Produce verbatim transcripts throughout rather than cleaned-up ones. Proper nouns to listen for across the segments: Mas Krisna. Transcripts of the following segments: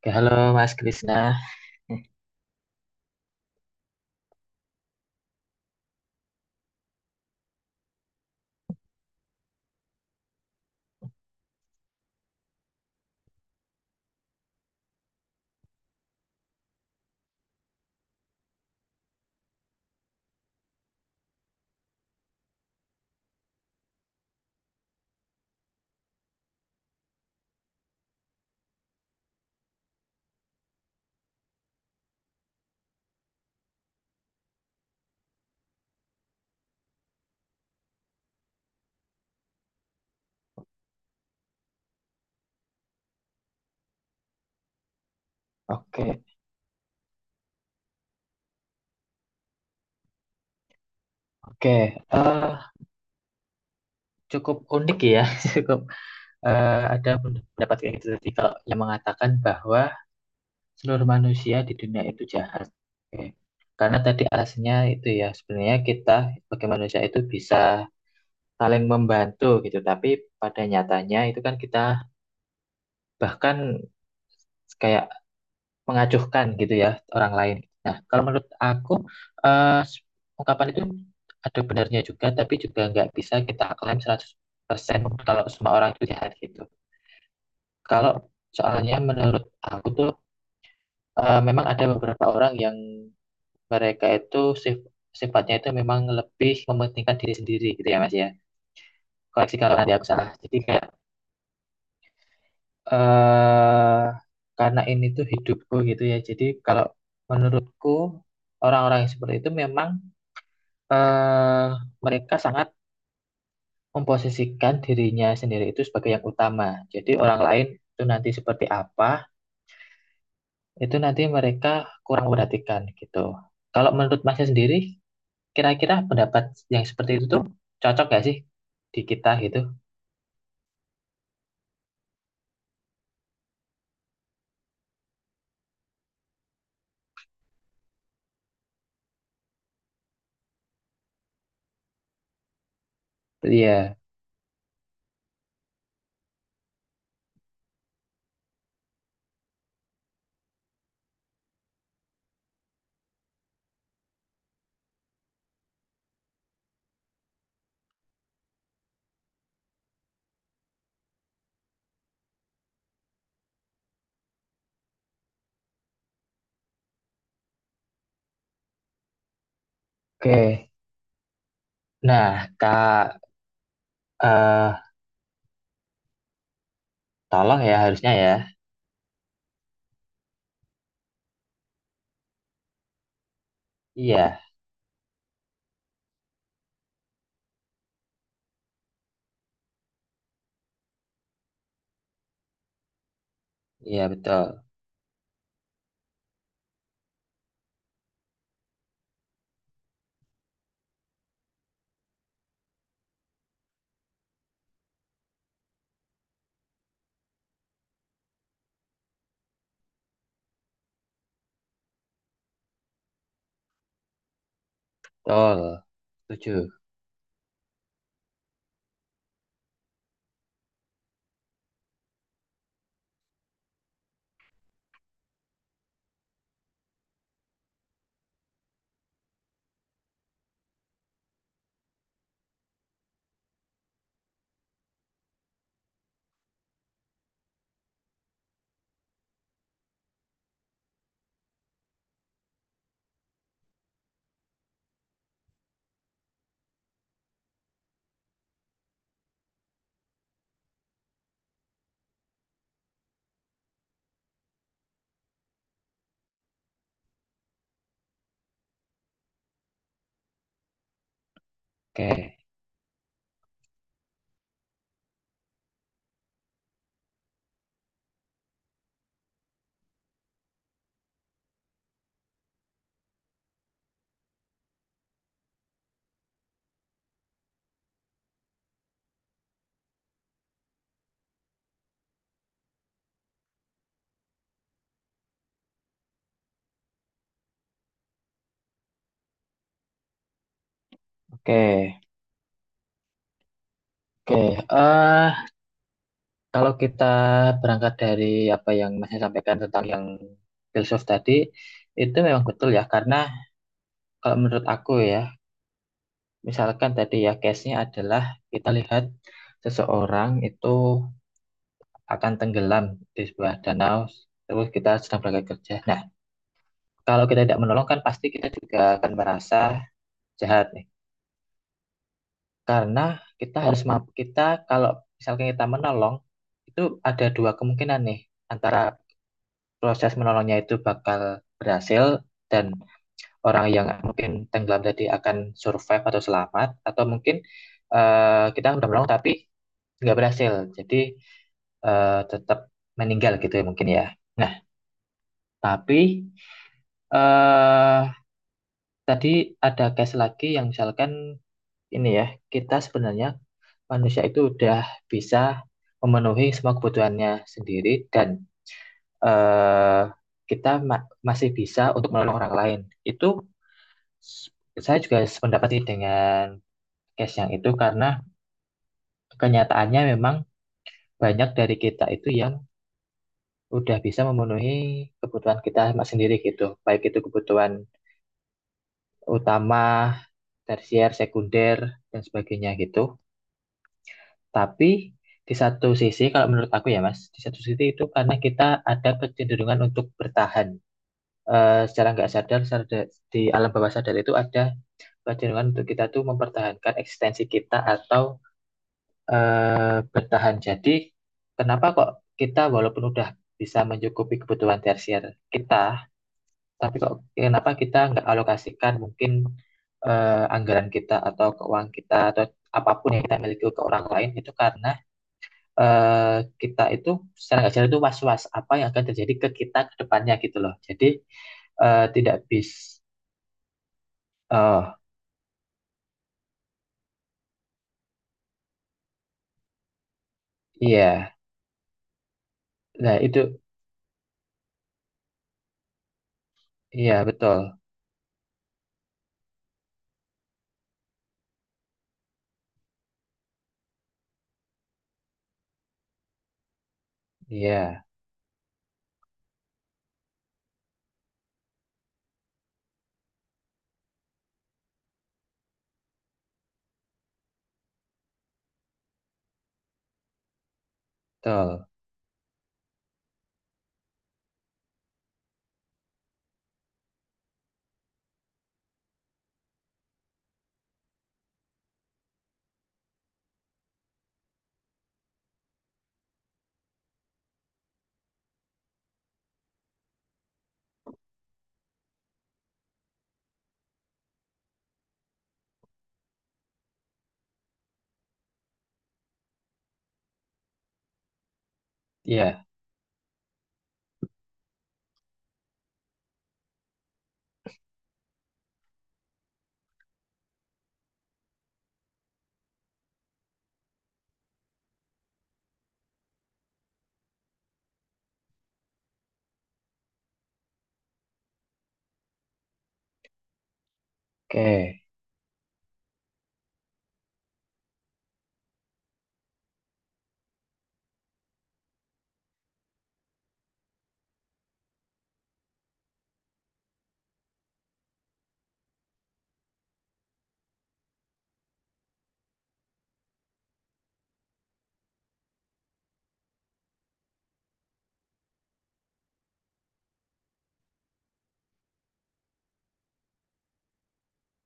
Oke, halo Mas Krisna. Oke, oke. Eh, cukup unik ya, cukup eh, ada pendapat kayak gitu tadi kalau yang mengatakan bahwa seluruh manusia di dunia itu jahat. Oke. Karena tadi alasannya itu ya, sebenarnya kita sebagai manusia itu bisa saling membantu gitu, tapi pada nyatanya itu kan kita bahkan kayak mengacuhkan gitu ya orang lain. Nah, kalau menurut aku eh, ungkapan itu ada benarnya juga, tapi juga nggak bisa kita klaim seratus persen kalau semua orang itu jahat gitu. Kalau soalnya menurut aku tuh eh, memang ada beberapa orang yang mereka itu sif- sifatnya itu memang lebih mementingkan diri sendiri gitu ya Mas ya. Koreksi kalau nanti aku salah. Jadi kayak eh karena ini tuh hidupku gitu ya. Jadi kalau menurutku orang-orang yang seperti itu memang eh, mereka sangat memposisikan dirinya sendiri itu sebagai yang utama. Jadi orang lain itu nanti seperti apa, itu nanti mereka kurang perhatikan gitu. Kalau menurut Masnya sendiri, kira-kira pendapat yang seperti itu tuh cocok gak sih di kita gitu? Iya, oke. Nah, Kak, eh, tolong ya harusnya ya. Iya, iya betul, betul, setuju. Oke, oke, oke. Eh, Kalau kita berangkat dari apa yang Masnya sampaikan tentang yang filsuf tadi, itu memang betul ya, karena kalau menurut aku ya, misalkan tadi ya case-nya adalah kita lihat seseorang itu akan tenggelam di sebuah danau, terus kita sedang berangkat kerja. Nah, kalau kita tidak menolong kan pasti kita juga akan merasa jahat nih, karena kita harus mampu kita kalau misalkan kita menolong itu ada dua kemungkinan nih antara proses menolongnya itu bakal berhasil dan orang yang mungkin tenggelam tadi akan survive atau selamat atau mungkin eh, kita udah menolong tapi nggak berhasil jadi eh, tetap meninggal gitu ya mungkin ya nah tapi eh tadi ada case lagi yang misalkan ini ya kita sebenarnya manusia itu udah bisa memenuhi semua kebutuhannya sendiri dan eh kita ma- masih bisa untuk menolong orang lain itu. Saya juga sependapat sih dengan case yang itu karena kenyataannya memang banyak dari kita itu yang udah bisa memenuhi kebutuhan kita sendiri gitu. Baik itu kebutuhan utama, tersier, sekunder, dan sebagainya gitu. Tapi di satu sisi, kalau menurut aku ya Mas, di satu sisi itu karena kita ada kecenderungan untuk bertahan. Eh, secara nggak sadar, sadar- di alam bawah sadar itu ada kecenderungan untuk kita tuh mempertahankan eksistensi kita atau eh, bertahan. Jadi, kenapa kok kita walaupun udah bisa mencukupi kebutuhan tersier kita, tapi kok kenapa kita nggak alokasikan mungkin eh, anggaran kita atau keuangan kita atau apapun yang kita miliki ke orang lain itu karena eh, kita itu secara nggak sadar itu was-was apa yang akan terjadi ke kita ke depannya gitu loh. Jadi eh, tidak bisa. Oh iya, nah itu iya betul, iya betul, iya oke,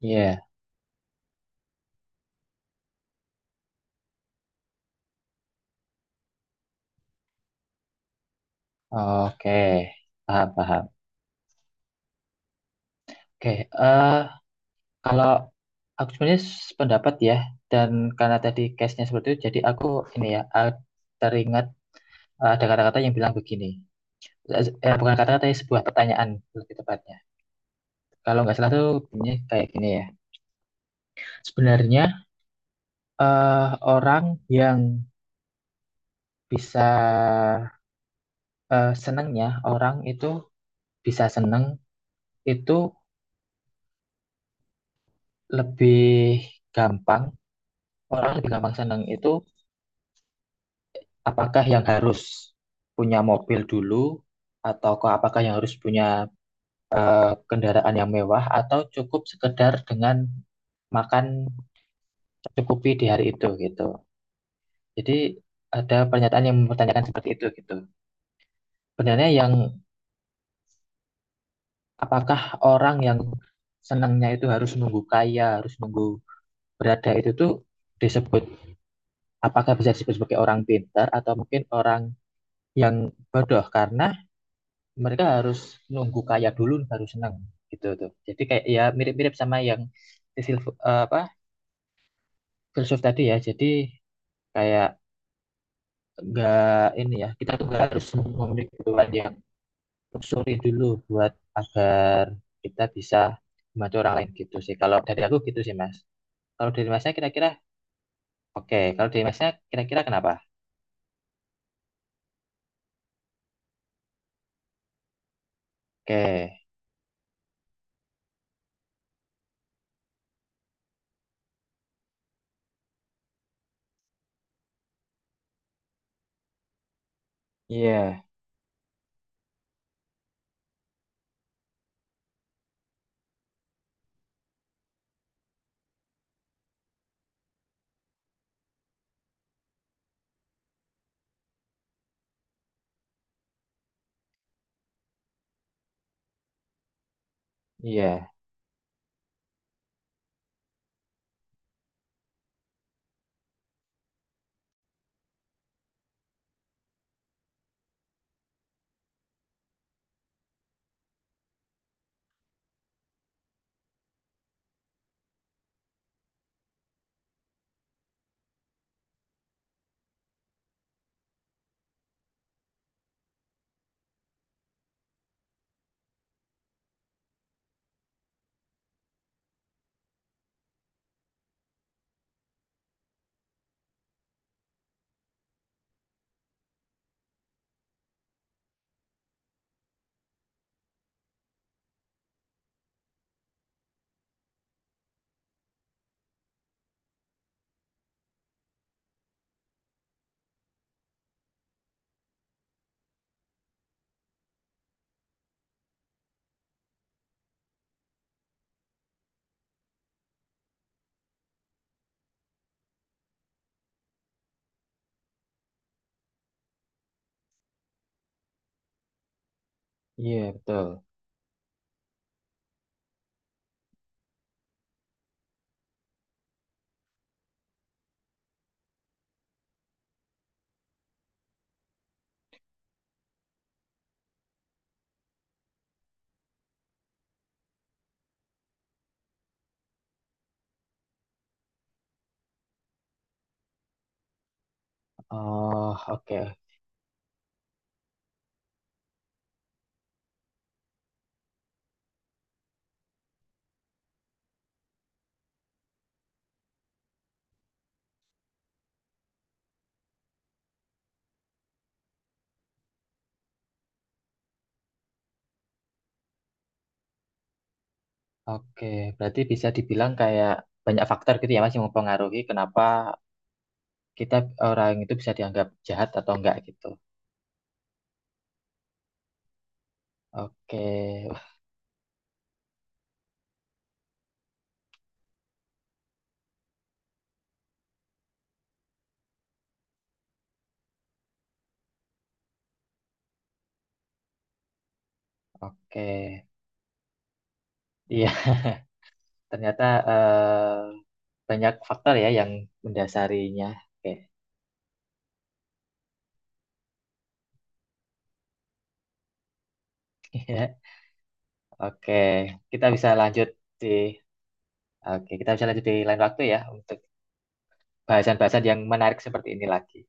iya. Oke, paham, paham. Oke, eh kalau aku sebenarnya pendapat ya, dan karena tadi case-nya seperti itu, jadi aku ini ya, eh, teringat eh, ada kata-kata yang bilang begini. Eh, eh, bukan kata-kata, ya, sebuah pertanyaan lebih tepatnya. Kalau nggak salah tuh bunyinya kayak gini ya. Sebenarnya eh, orang yang bisa eh, senangnya, orang itu bisa senang itu lebih gampang, orang lebih gampang senang itu apakah yang harus punya mobil dulu atau ke- apakah yang harus punya eh, kendaraan yang mewah atau cukup sekedar dengan makan cukupi di hari itu gitu. Jadi ada pernyataan yang mempertanyakan seperti itu gitu. Sebenarnya yang apakah orang yang senangnya itu harus nunggu kaya, harus nunggu berada itu tuh disebut apakah bisa disebut sebagai orang pintar atau mungkin orang yang bodoh karena mereka harus nunggu kaya dulu baru senang gitu tuh. Jadi kayak ya mirip-mirip sama yang di silv eh, apa filsuf tadi ya. Jadi kayak nggak ini ya kita tuh nggak harus memiliki kebutuhan yang luxury dulu buat agar kita bisa membantu orang lain gitu sih. Kalau dari aku gitu sih Mas. Kalau dari Masnya kira-kira oke. Kalau dari Masnya kira-kira kenapa? Oke. Iya, iya, iya betul. Oh, oke. Oke, berarti bisa dibilang kayak banyak faktor gitu ya Mas yang mempengaruhi kenapa kita orang itu bisa dianggap jahat atau enggak gitu. Oke, wah, oke. Iya, ternyata eh, banyak faktor ya yang mendasarinya. Oke. Iya. Oke, kita bisa lanjut di Oke, kita bisa lanjut di lain waktu ya untuk bahasan-bahasan yang menarik seperti ini lagi.